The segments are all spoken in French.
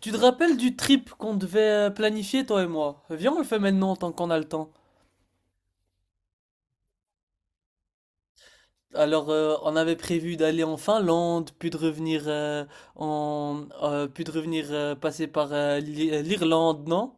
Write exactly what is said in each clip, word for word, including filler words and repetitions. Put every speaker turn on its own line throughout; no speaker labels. Tu te rappelles du trip qu'on devait euh, planifier, toi et moi? Viens, on le fait maintenant, tant qu'on a le temps. Alors, euh, on avait prévu d'aller en Finlande, puis de revenir, euh, en, euh, puis de revenir euh, passer par euh, l'I- euh, l'Irlande, non?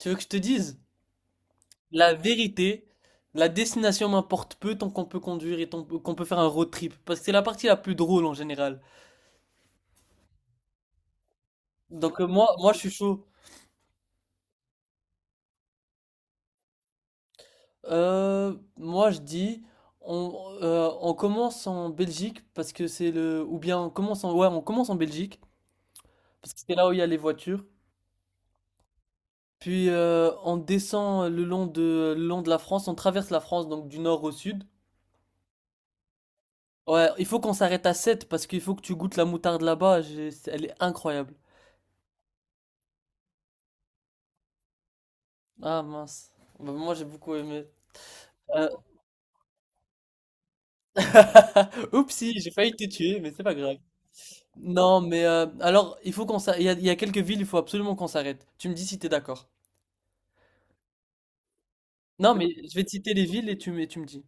Tu veux que je te dise? La vérité, la destination m'importe peu tant qu'on peut conduire et tant qu'on peut faire un road trip, parce que c'est la partie la plus drôle en général. Donc euh, moi, moi, je suis chaud. Euh, moi je dis on, euh, on commence en Belgique parce que c'est le ou bien on commence en ouais on commence en Belgique parce que c'est là où il y a les voitures. Puis euh, on descend le long de le long de la France, on traverse la France donc du nord au sud. Ouais, il faut qu'on s'arrête à Sète parce qu'il faut que tu goûtes la moutarde là-bas, j'ai- c'est- elle est incroyable. Ah mince. Bah, moi j'ai beaucoup aimé. Euh, Oupsie, j'ai failli te tuer mais c'est pas grave. Non mais euh, alors il faut qu'on s'arrête, il y a, il y a quelques villes, il faut absolument qu'on s'arrête. Tu me dis si t'es d'accord. Non, mais je vais te citer les villes et tu me, et tu me dis.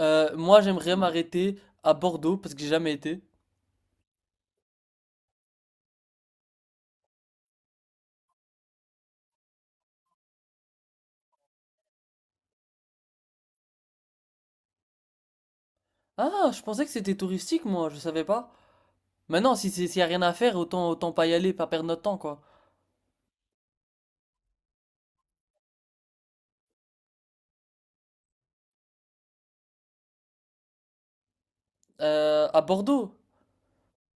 Euh, moi, j'aimerais m'arrêter à Bordeaux parce que j'ai jamais été. Ah, je pensais que c'était touristique, moi, je savais pas. Maintenant, si c'est- s'il y a rien à faire, autant, autant pas y aller, pas perdre notre temps, quoi. Euh, à Bordeaux.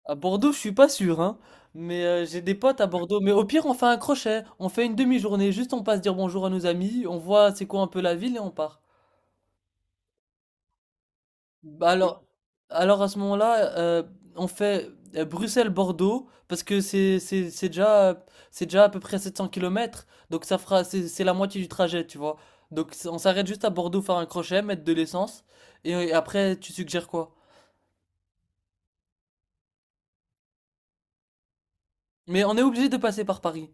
À Bordeaux, je suis pas sûr, hein. Mais euh, j'ai des potes à Bordeaux. Mais au pire, on fait un crochet. On fait une demi-journée. Juste, on passe dire bonjour à nos amis. On voit c'est quoi un peu la ville et on part. Bah alors, alors à ce moment-là, euh, on fait euh, Bruxelles-Bordeaux parce que c'est c'est c'est déjà euh, c'est déjà à peu près sept cents kilomètres, donc ça fera c'est c'est la moitié du trajet, tu vois. Donc c- on s'arrête juste à Bordeaux faire un crochet, mettre de l'essence et, euh, après tu suggères quoi? Mais on est obligé de passer par Paris.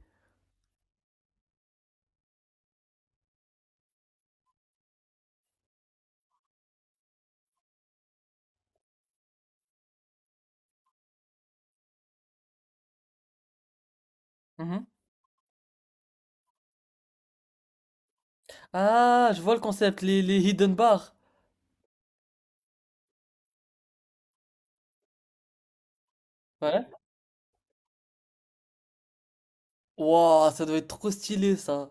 Mhm. Ah, je vois le concept, les les hidden bars. Ouais. Waouh, ça doit être trop stylé ça.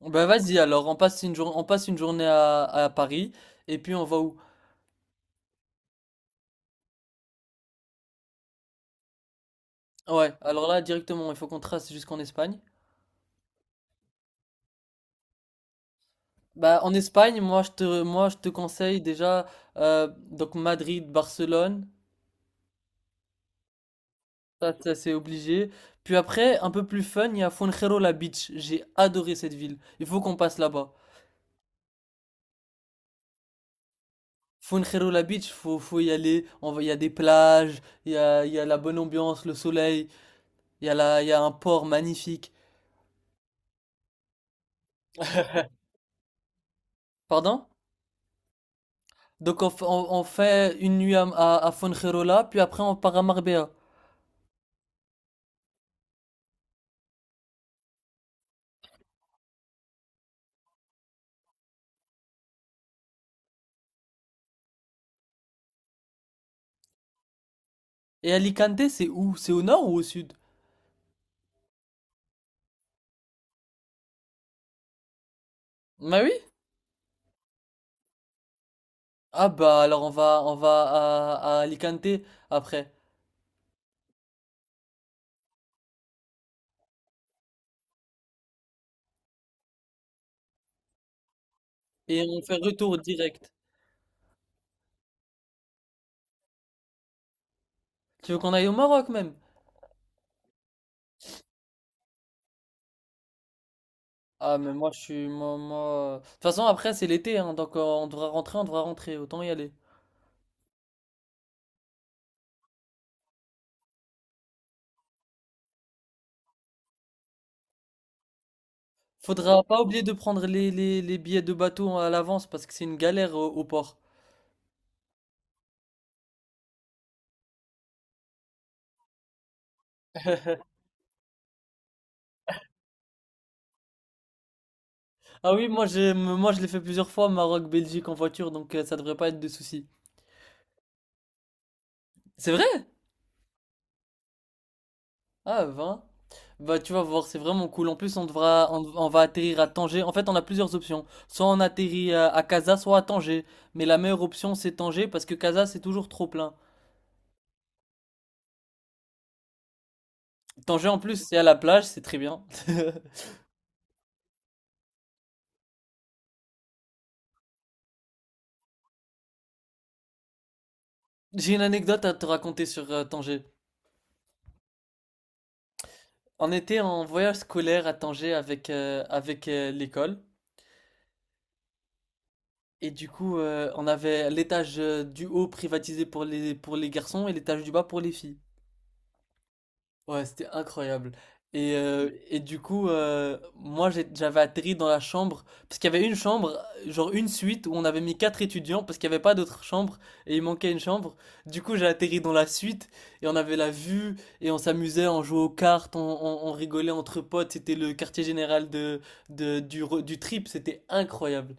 Bah vas-y alors, on passe une jour- on passe une journée à à Paris et puis on va où? Ouais, alors là directement, il faut qu'on trace jusqu'en Espagne. Bah en Espagne, moi je te moi je te conseille déjà euh, donc Madrid, Barcelone, ça, ça, c'est obligé. Puis après, un peu plus fun, il y a Fuengirola Beach. J'ai adoré cette ville. Il faut qu'on passe là-bas. Fuengirola Beach, faut faut y aller. On va, il y a des plages, il y a il y a la bonne ambiance, le soleil, il y a la il y a un port magnifique. Pardon? Donc on, f- on- on fait une nuit à, à, à Fuengirola, puis après on part à Marbella. Et Alicante, c'est où? C'est au nord ou au sud? Bah oui. Ah bah alors on va on va à, à Alicante après. Et on fait retour direct. Tu veux qu'on aille au Maroc même? Ah mais moi je suis moi, moi- euh, de toute façon après c'est l'été hein, donc euh, on devra rentrer, on devra rentrer, autant y aller. Faudra pas oublier de prendre les, les, les billets de bateau à l'avance parce que c'est une galère au, au port. Ah oui, moi j'ai moi je l'ai fait plusieurs fois Maroc, Belgique en voiture donc euh, ça devrait pas être de souci. C'est vrai? Ah, vingt. Bah, tu vas voir, c'est vraiment cool. En plus, on devra, on, on va atterrir à Tanger. En fait, on a plusieurs options. Soit on atterrit à, à Casa, soit à Tanger. Mais la meilleure option, c'est Tanger parce que Casa, c'est toujours trop plein. Tanger, en plus, c'est à la plage, c'est très bien. J'ai une anecdote à te raconter sur euh, Tanger. On était en voyage scolaire à Tanger avec, euh, avec euh, l'école. Et du coup, euh, on avait l'étage euh, du haut privatisé pour les, pour les garçons et l'étage du bas pour les filles. Ouais, c'était incroyable. Et, euh, et du coup, euh, moi j'ai- j'avais atterri dans la chambre, parce qu'il y avait une chambre, genre une suite, où on avait mis quatre étudiants, parce qu'il n'y avait pas d'autre chambre, et il manquait une chambre. Du coup, j'ai atterri dans la suite, et on avait la vue, et on s'amusait, on jouait aux cartes, on, on- on rigolait entre potes, c'était le quartier général de, de- du, re- du trip, c'était incroyable.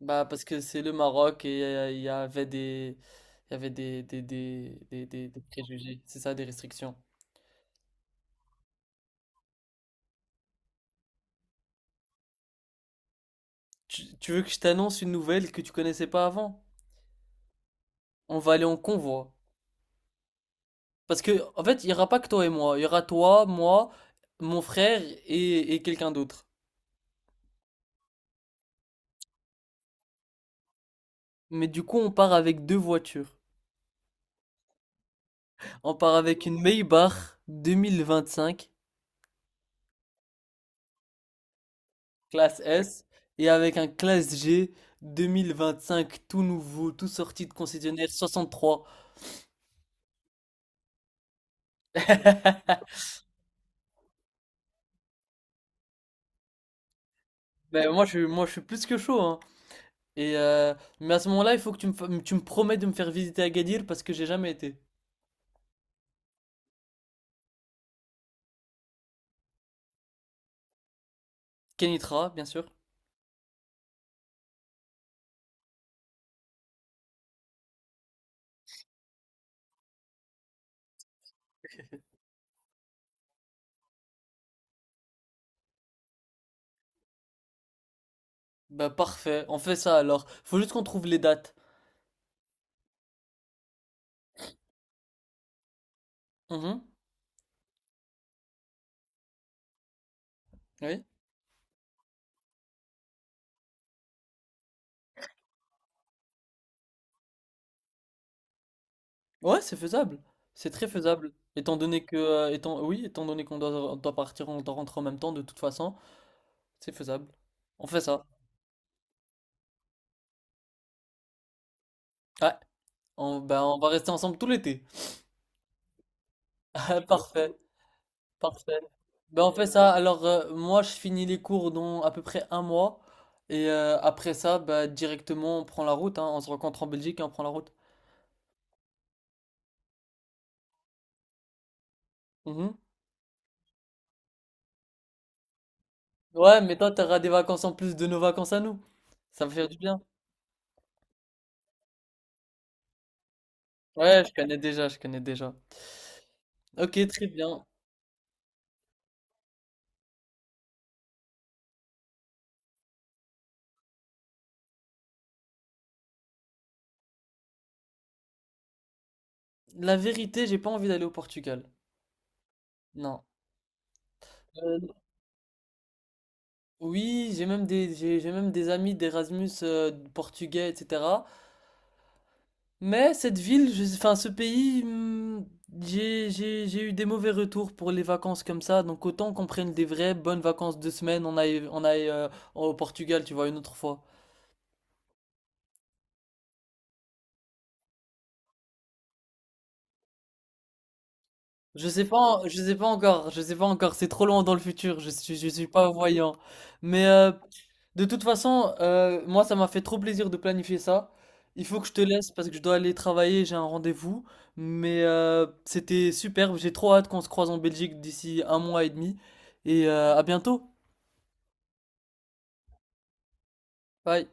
Bah, parce que c'est le Maroc, et euh, il y avait des, il y avait des, des, des, des, des des préjugés, c'est ça, des restrictions. Tu, tu veux que je t'annonce une nouvelle que tu connaissais pas avant? On va aller en convoi. Parce que, en fait, il n'y aura pas que toi et moi. Il y aura toi, moi, mon frère et, et quelqu'un d'autre. Mais du coup, on part avec deux voitures. On part avec une Maybach deux mille vingt-cinq, classe S, et avec un classe G vingt vingt-cinq, tout nouveau, tout sorti de concessionnaire soixante-trois. Ben, moi, je, suis- moi, je suis plus que chaud, hein. Et, euh, mais à ce moment-là, il faut que tu me, fa- tu me promets de me faire visiter Agadir parce que j'ai jamais été. Kenitra, bien sûr. Bah parfait, on fait ça alors. Faut juste qu'on trouve les dates. Mhm. Oui. Ouais, c'est faisable. C'est très faisable. Étant donné que, euh, étant, oui, étant donné qu'on doit, on doit partir, on doit rentrer en même temps, de toute façon, c'est faisable. On fait ça. Ouais. On, bah, on va rester ensemble tout l'été. Ah, parfait, parfait. Ben on fait ça. Alors, euh, moi, je finis les cours dans à peu près un mois. Et euh, après ça, bah, directement, on prend la route. Hein. On se rencontre en Belgique et on prend la route. Mhm. Ouais, mais toi, t'auras des vacances en plus de nos vacances à nous. Ça va faire du bien. Ouais, je connais déjà, je connais déjà. Ok, très bien. La vérité, j'ai pas envie d'aller au Portugal. Non. Euh, oui, j'ai même des, j'ai, j'ai même des amis d'Erasmus euh, portugais, et cetera. Mais cette ville, je, enfin ce pays, hmm, j'ai, j'ai, j'ai eu des mauvais retours pour les vacances comme ça. Donc autant qu'on prenne des vraies bonnes vacances de semaine, on aille, on aille euh, au Portugal, tu vois, une autre fois. Je sais pas, je sais pas encore, je sais pas encore, c'est trop loin dans le futur, je suis, je suis pas voyant. Mais euh, de toute façon, euh, moi ça m'a fait trop plaisir de planifier ça. Il faut que je te laisse parce que je dois aller travailler, j'ai un rendez-vous. Mais euh, c'était superbe, j'ai trop hâte qu'on se croise en Belgique d'ici un mois et demi. Et euh, à bientôt, bye.